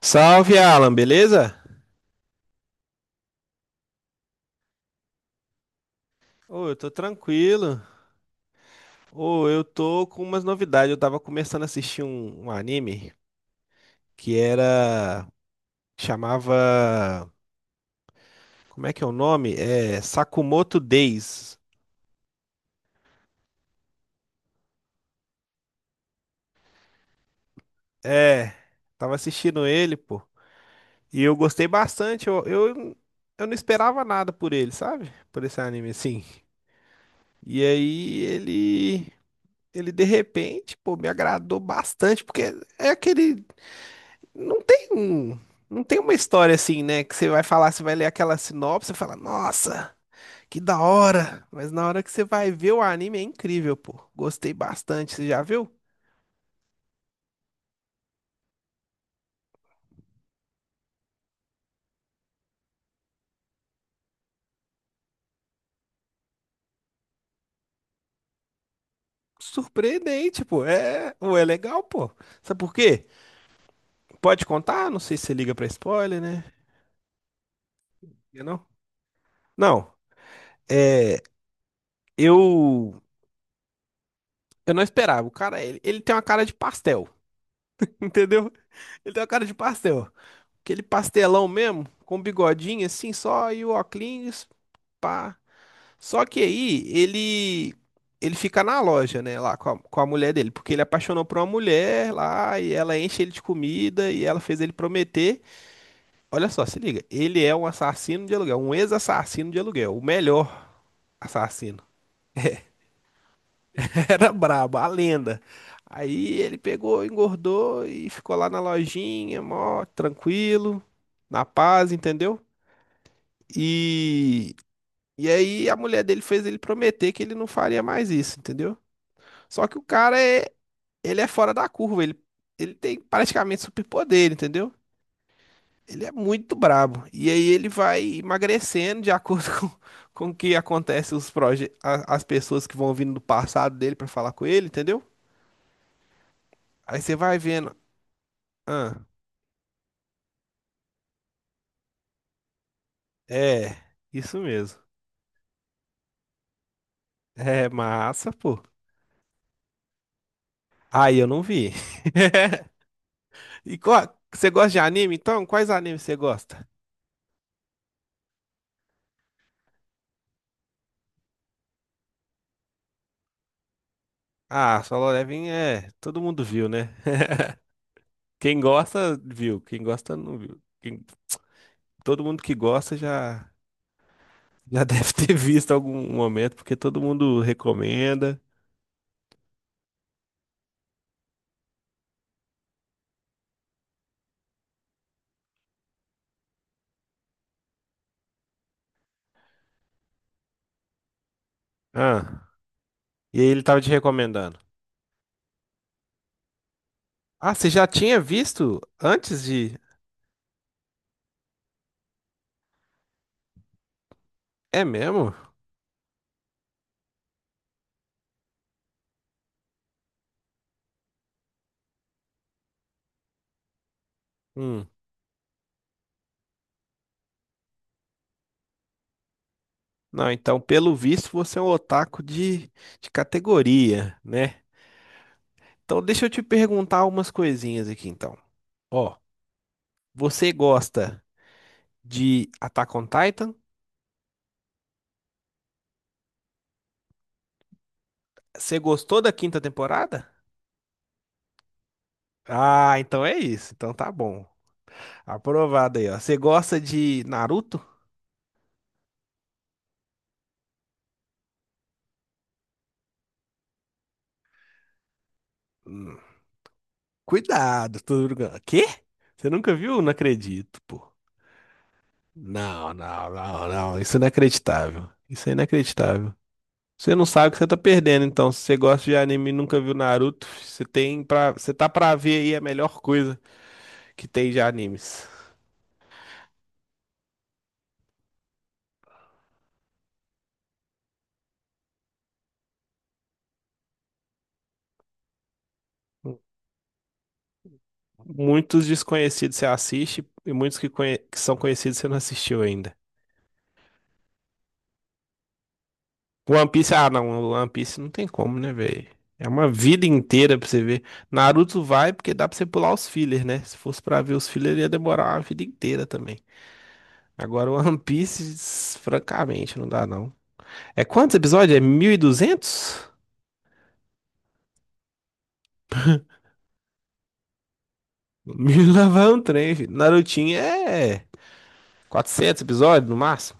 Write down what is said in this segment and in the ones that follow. Salve, Alan, beleza? Ô, eu tô tranquilo. Ô, eu tô com umas novidades. Eu tava começando a assistir um anime que era. Chamava. Como é que é o nome? É Sakamoto Days. É, tava assistindo ele, pô. E eu gostei bastante. Eu não esperava nada por ele, sabe? Por esse anime, assim. E aí ele. Ele de repente, pô, me agradou bastante, porque é aquele. Não tem um, não tem uma história assim, né? Que você vai falar, você vai ler aquela sinopse, e fala, nossa, que da hora. Mas na hora que você vai ver o anime é incrível, pô. Gostei bastante, você já viu? Surpreendente, pô. É, ou é legal, pô. Sabe por quê? Pode contar? Não sei se você liga pra spoiler, né? Eu não. Não. É, eu eu não esperava. O cara, ele tem uma cara de pastel, entendeu? Ele tem uma cara de pastel. Aquele pastelão mesmo, com bigodinho assim só e o óculos. Pá. Só que aí ele fica na loja, né, lá com com a mulher dele, porque ele apaixonou por uma mulher lá e ela enche ele de comida e ela fez ele prometer. Olha só, se liga, ele é um assassino de aluguel, um ex-assassino de aluguel, o melhor assassino. Era brabo, a lenda. Aí ele pegou, engordou e ficou lá na lojinha, mó tranquilo, na paz, entendeu? E E aí a mulher dele fez ele prometer que ele não faria mais isso, entendeu? Só que o cara é, ele é fora da curva, ele tem praticamente superpoder, entendeu? Ele é muito brabo. E aí ele vai emagrecendo de acordo com o que acontece os as pessoas que vão vindo do passado dele pra falar com ele, entendeu? Aí você vai vendo, ah, é, isso mesmo. É massa, pô. Aí eu não vi. E qual, você gosta de anime? Então, quais animes você gosta? Ah, Solo Leveling é, todo mundo viu, né? Quem gosta, viu. Quem gosta, não viu. Quem- todo mundo que gosta já, já deve ter visto algum momento, porque todo mundo recomenda. Ah, e aí ele tava te recomendando. Ah, você já tinha visto antes de. É mesmo? Hum. Não, então, pelo visto, você é um otaku de categoria, né? Então, deixa eu te perguntar umas coisinhas aqui, então. Ó, você gosta de Attack on Titan? Você gostou da quinta temporada? Ah, então é isso. Então tá bom. Aprovado aí, ó. Você gosta de Naruto? Hum, Cuidado, Todoroki. Quê? Você nunca viu? Não acredito, pô. Não, não, não, não. Isso é inacreditável. Isso é inacreditável. Você não sabe o que você tá perdendo, então. Se você gosta de anime e nunca viu Naruto, você tem pra... você tá pra ver aí a melhor coisa que tem de animes. Muitos desconhecidos você assiste e muitos que, conhe- que são conhecidos você não assistiu ainda. One Piece, ah não, One Piece não tem como, né, velho? É uma vida inteira pra você ver. Naruto vai porque dá pra você pular os fillers, né? Se fosse pra ver os fillers, ia demorar uma vida inteira também. Agora, One Piece, francamente, não dá não. É quantos episódios? É 1200? Mil lá vai um trem, filho. Narutinho é 400 episódios no máximo?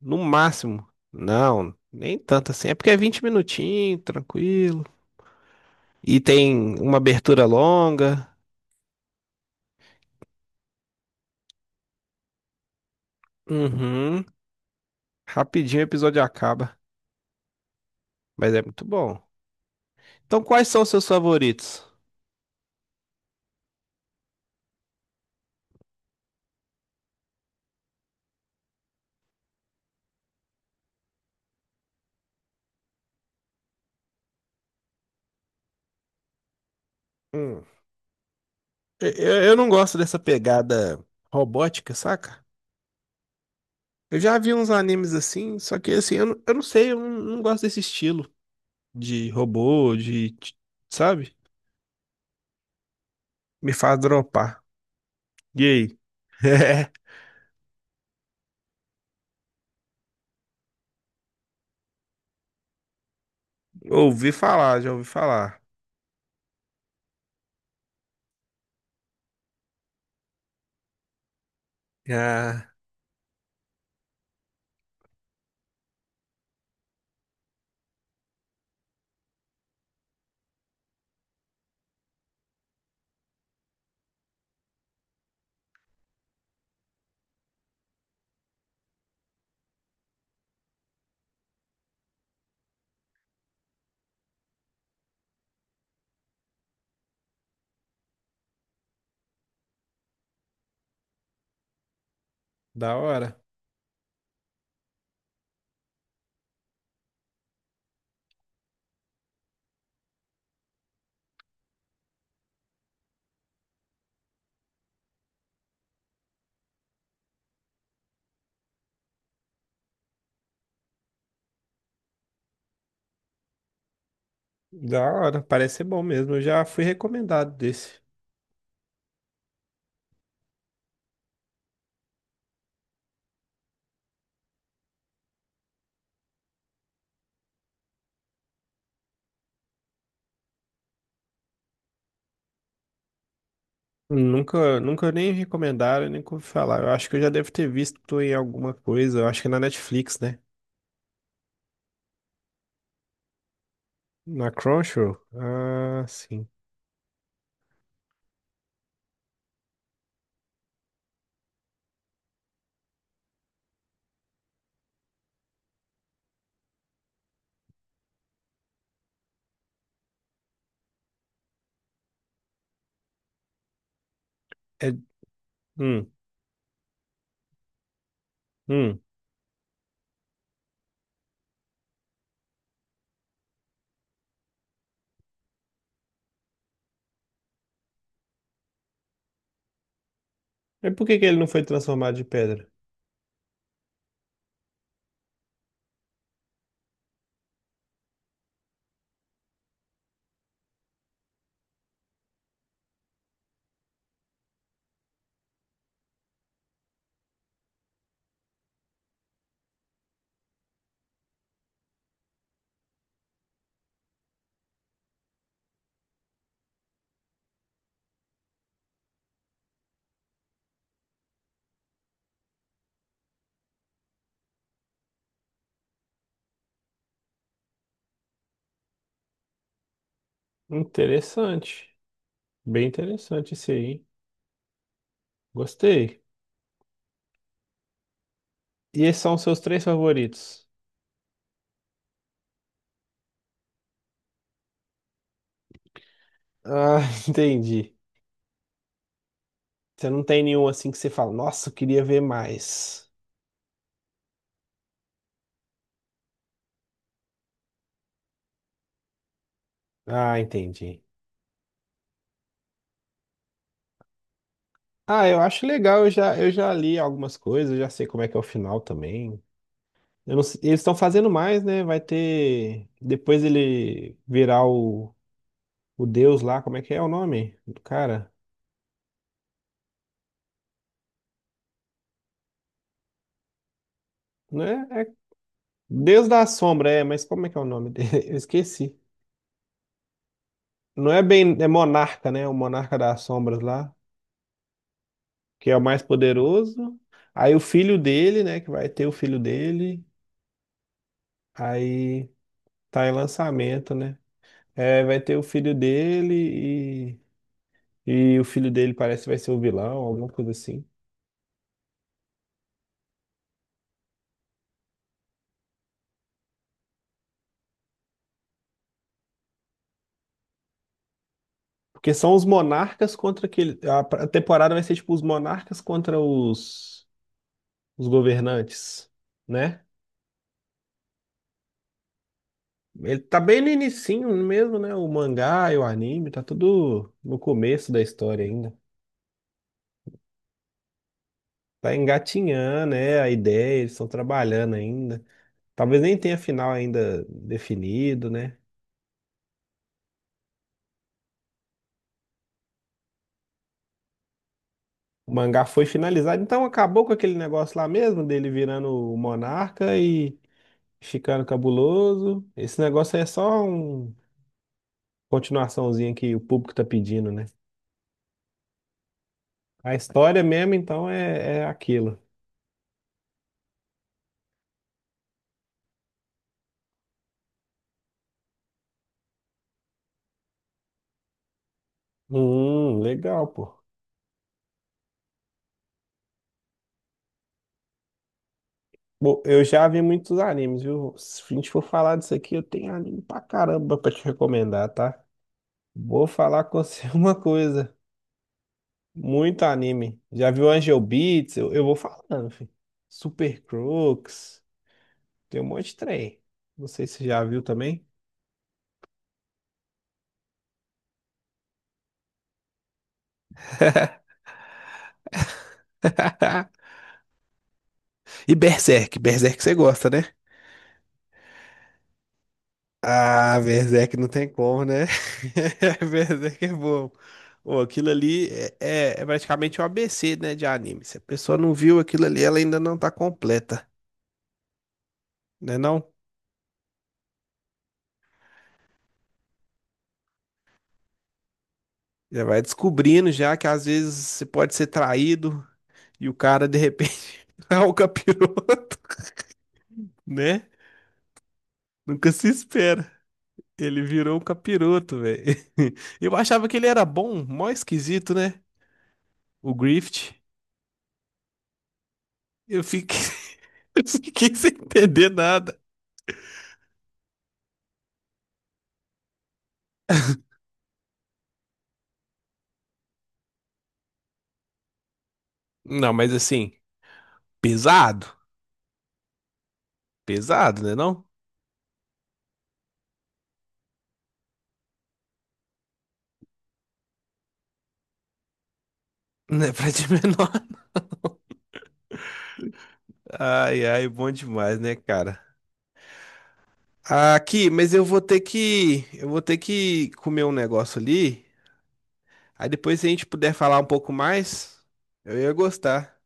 No máximo. Não, nem tanto assim. É porque é 20 minutinhos, tranquilo. E tem uma abertura longa. Uhum. Rapidinho o episódio acaba, mas é muito bom. Então, quais são os seus favoritos? Hum. Eu não gosto dessa pegada robótica, saca? Eu já vi uns animes assim, só que assim, eu não sei, eu não, não gosto desse estilo. De robô, sabe? Me faz dropar. E aí? É, ouvi falar, já ouvi falar. Ah, da hora. Da hora, parece ser bom mesmo. Eu já fui recomendado desse. Nunca, nunca nem recomendaram, nem ouvi falar. Eu acho que eu já devo ter visto em alguma coisa. Eu acho que é na Netflix, né? Na Crunchyroll? Ah, sim. É, hum, hum. E por que que ele não foi transformado de pedra? Interessante. Bem interessante esse aí, hein? Gostei. E esses são os seus três favoritos? Ah, entendi. Você não tem nenhum assim que você fala, nossa, eu queria ver mais. Ah, entendi. Ah, eu acho legal, eu já li algumas coisas, eu já sei como é que é o final também. Eu não sei- eles estão fazendo mais, né? Vai ter. Depois ele virar o Deus lá, como é que é o nome do cara? Não é, é Deus da Sombra, é, mas como é que é o nome dele? Eu esqueci. Não é bem, é monarca, né? O monarca das sombras lá, que é o mais poderoso. Aí o filho dele, né? Que vai ter o filho dele. Aí tá em lançamento, né? É, vai ter o filho dele e o filho dele parece que vai ser o vilão, alguma coisa assim. Porque são os monarcas contra aquele. A pra- a temporada vai ser tipo os monarcas contra os governantes, né? Ele tá bem no inicinho mesmo, né? O mangá e o anime, tá tudo no começo da história ainda. Tá engatinhando, né? A ideia, eles estão trabalhando ainda. Talvez nem tenha final ainda definido, né? O mangá foi finalizado, então acabou com aquele negócio lá mesmo, dele virando o monarca e ficando cabuloso. Esse negócio aí é só uma continuaçãozinha que o público tá pedindo, né? A história mesmo, então, é, é aquilo. Legal, pô. Bom, eu já vi muitos animes, viu? Se a gente for falar disso aqui, eu tenho anime pra caramba pra te recomendar, tá? Vou falar com você uma coisa. Muito anime. Já viu Angel Beats? Eu vou falando, filho. Super Crooks. Tem um monte de trem. Não sei se você já viu também. E Berserk, Berserk você gosta, né? Ah, Berserk não tem como, né? Berserk é bom. Pô, aquilo ali é, é praticamente o ABC, né, de anime. Se a pessoa não viu aquilo ali, ela ainda não tá completa, né não? Já vai descobrindo já que às vezes você pode ser traído e o cara de repente é o capiroto, né? Nunca se espera. Ele virou um capiroto, velho. Eu achava que ele era bom, mó esquisito, né? O Grift. Eu fiquei, eu fiquei sem entender nada. Não, mas assim, pesado. Pesado, né não? Não é pra de menor. Ai, ai, bom demais, né, cara? Aqui, mas eu vou ter que comer um negócio ali. Aí depois, se a gente puder falar um pouco mais, eu ia gostar.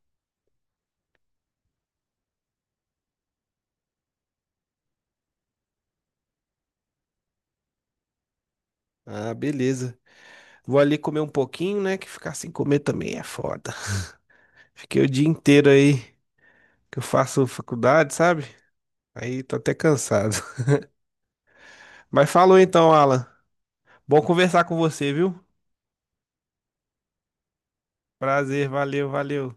Ah, beleza. Vou ali comer um pouquinho, né? Que ficar sem comer também é foda. Fiquei o dia inteiro aí que eu faço faculdade, sabe? Aí tô até cansado. Mas falou então, Alan. Bom conversar com você, viu? Prazer, valeu, valeu.